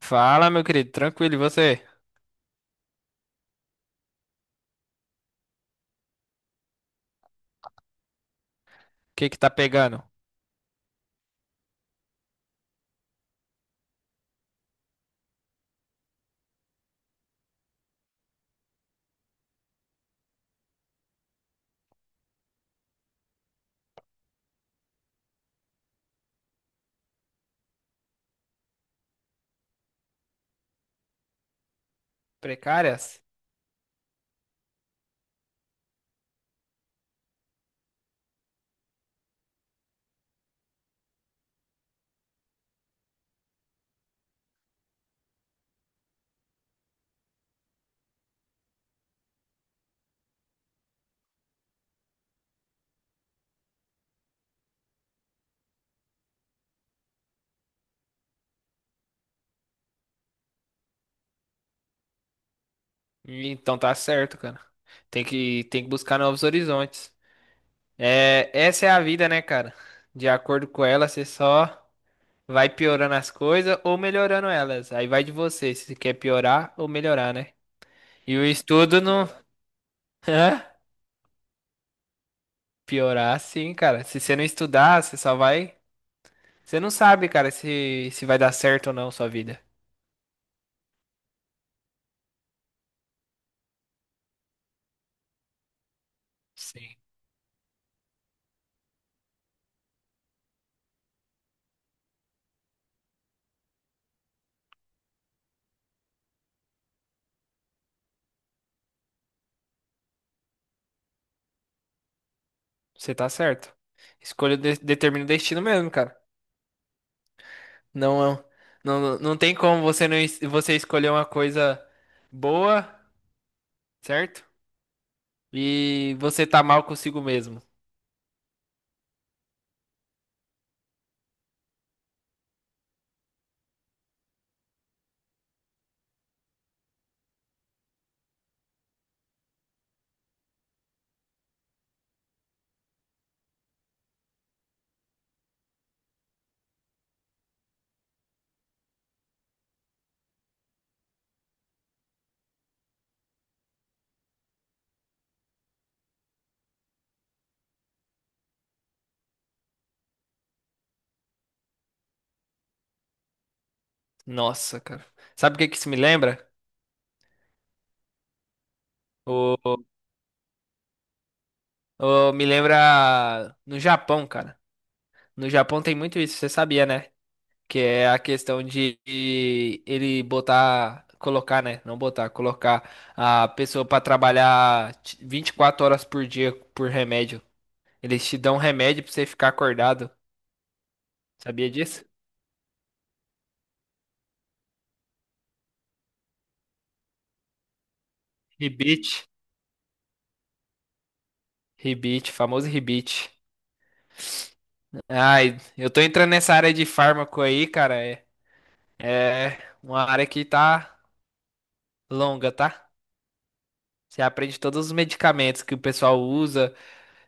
Fala, meu querido, tranquilo, e você? O que que tá pegando? Precárias? Ih, então tá certo, cara. Tem que buscar novos horizontes. É, essa é a vida, né, cara? De acordo com ela, você só vai piorando as coisas ou melhorando elas. Aí vai de você, se você quer piorar ou melhorar, né? E o estudo não. Hã? Piorar, sim, cara. Se você não estudar, você só vai. Você não sabe, cara, se vai dar certo ou não sua vida. Sim. Você tá certo. Determina o destino mesmo, cara. Não, não, não tem como você não es- você escolher uma coisa boa, certo? E você tá mal consigo mesmo. Nossa, cara. Sabe o que que isso me lembra? O, Me lembra no Japão, cara. No Japão tem muito isso, você sabia, né? Que é a questão de ele botar, colocar, né? Não botar, colocar a pessoa pra 24 horas por dia por remédio. Eles te dão um remédio pra você ficar acordado. Sabia disso? Rebite. Rebite, famoso rebite. Ai, eu tô entrando nessa área de fármaco aí, cara. É uma área que tá longa, tá? Você aprende todos os medicamentos que o pessoal usa,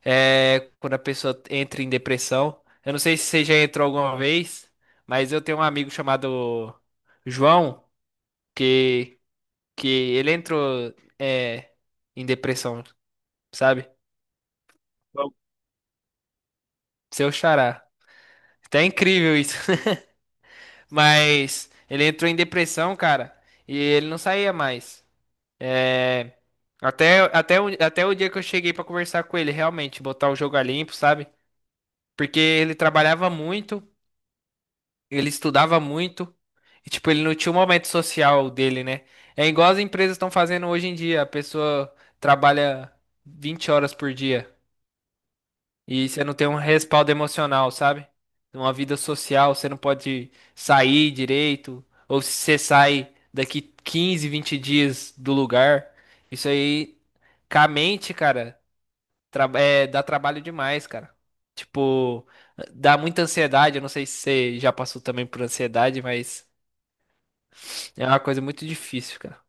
quando a pessoa entra em depressão. Eu não sei se você já entrou alguma vez, mas eu tenho um amigo chamado João, que, que ele entrou, é, em depressão, sabe? Bom. Seu xará. Tá incrível isso. Mas ele entrou em depressão, cara, e ele não saía mais. É. Até o dia que eu cheguei pra conversar com ele, realmente, botar o jogo a limpo, sabe? Porque ele trabalhava muito, ele estudava muito, e tipo, ele não tinha o momento social dele, né? É igual as empresas estão fazendo hoje em dia, a pessoa trabalha 20 horas por dia. E você não tem um respaldo emocional, sabe? Uma vida social, você não pode sair direito. Ou se você sai daqui 15, 20 dias do lugar. Isso aí, com a mente, cara, dá trabalho demais, cara. Tipo, dá muita ansiedade. Eu não sei se você já passou também por ansiedade, mas é uma coisa muito difícil, cara.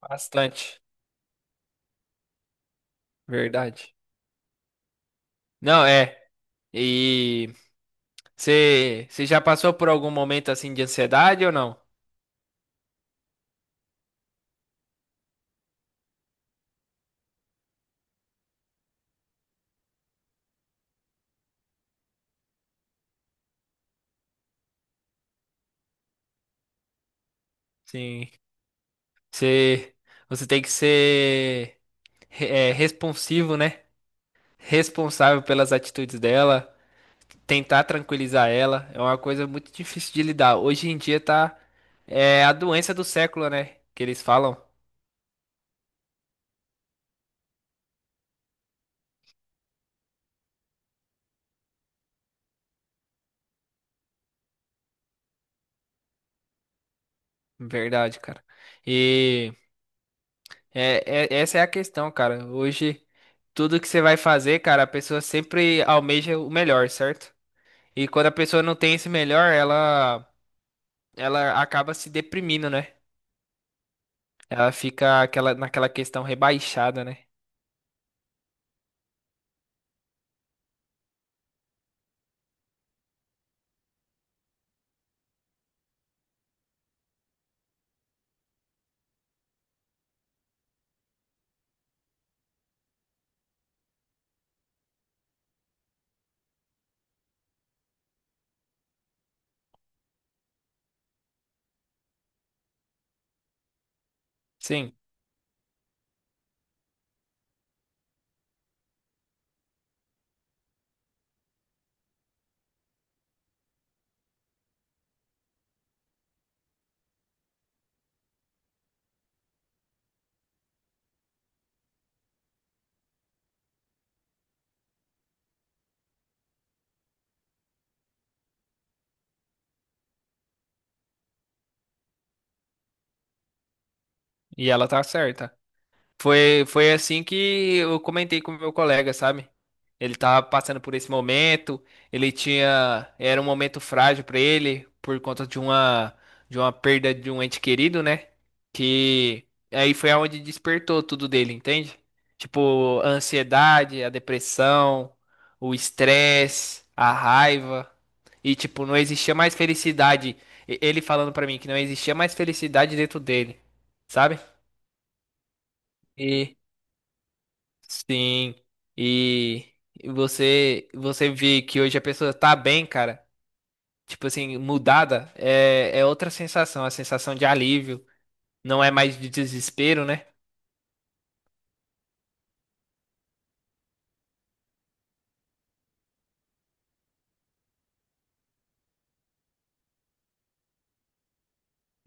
Bastante. Verdade. Não, é. E você já passou por algum momento assim de ansiedade ou não? Sim. Você, você tem que ser responsivo, né? Responsável pelas atitudes dela, tentar tranquilizar ela. É uma coisa muito difícil de lidar. Hoje em dia tá é a doença do século, né? Que eles falam. Verdade, cara. E essa é a questão, cara. Hoje, tudo que você vai fazer, cara, a pessoa sempre almeja o melhor, certo? E quando a pessoa não tem esse melhor, ela acaba se deprimindo, né? Ela fica aquela, naquela questão rebaixada, né? Sim, e ela tá certa. Foi assim que eu comentei com o meu colega, sabe? Ele tava passando por esse momento, ele tinha, era um momento frágil pra ele por conta de uma perda de um ente querido, né? Que aí foi aonde despertou tudo dele, entende? Tipo, a ansiedade, a depressão, o estresse, a raiva. E tipo, não existia mais felicidade. Ele falando pra mim que não existia mais felicidade dentro dele, sabe? E sim. E e você vê que hoje a pessoa tá bem, cara. Tipo assim, mudada, é outra sensação, a sensação de alívio, não é mais de desespero, né?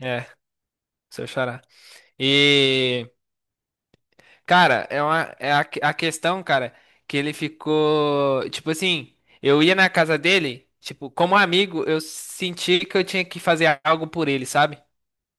É, se eu chorar. E, cara, é uma é a questão, cara, que ele ficou, tipo assim, eu ia na casa dele, tipo, como amigo, eu senti que eu tinha que fazer algo por ele, sabe?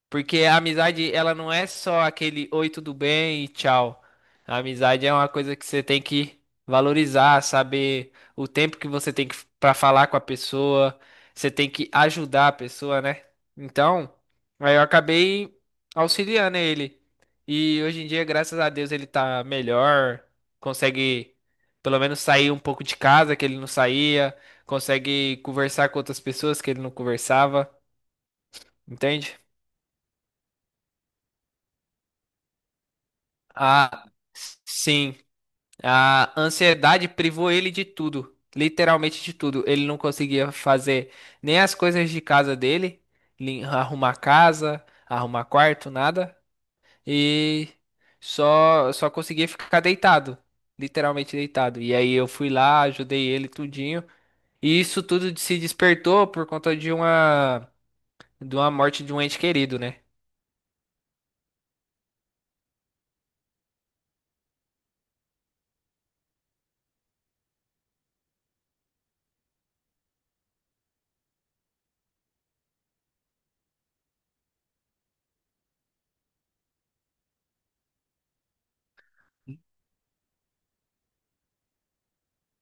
Porque a amizade, ela não é só aquele oi, tudo bem e tchau. A amizade é uma coisa que você tem que valorizar, saber o tempo que você tem que para falar com a pessoa, você tem que ajudar a pessoa, né? Então, aí eu acabei auxiliando ele. E hoje em dia, graças a Deus, ele tá melhor, consegue pelo menos sair um pouco de casa que ele não saía, consegue conversar com outras pessoas que ele não conversava, entende? Ah, sim. A ansiedade privou ele de tudo, literalmente de tudo. Ele não conseguia fazer nem as coisas de casa dele, arrumar casa, arrumar quarto, nada. E só conseguia ficar deitado, literalmente deitado. E aí eu fui lá, ajudei ele tudinho. E isso tudo se despertou por conta de uma morte de um ente querido, né?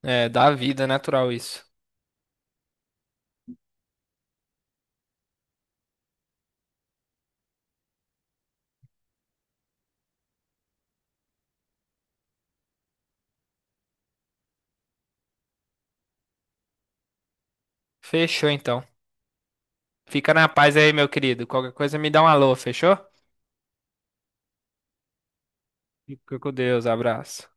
É, da vida natural isso. Fechou então. Fica na paz aí, meu querido. Qualquer coisa me dá um alô, fechou? Fica com Deus, abraço.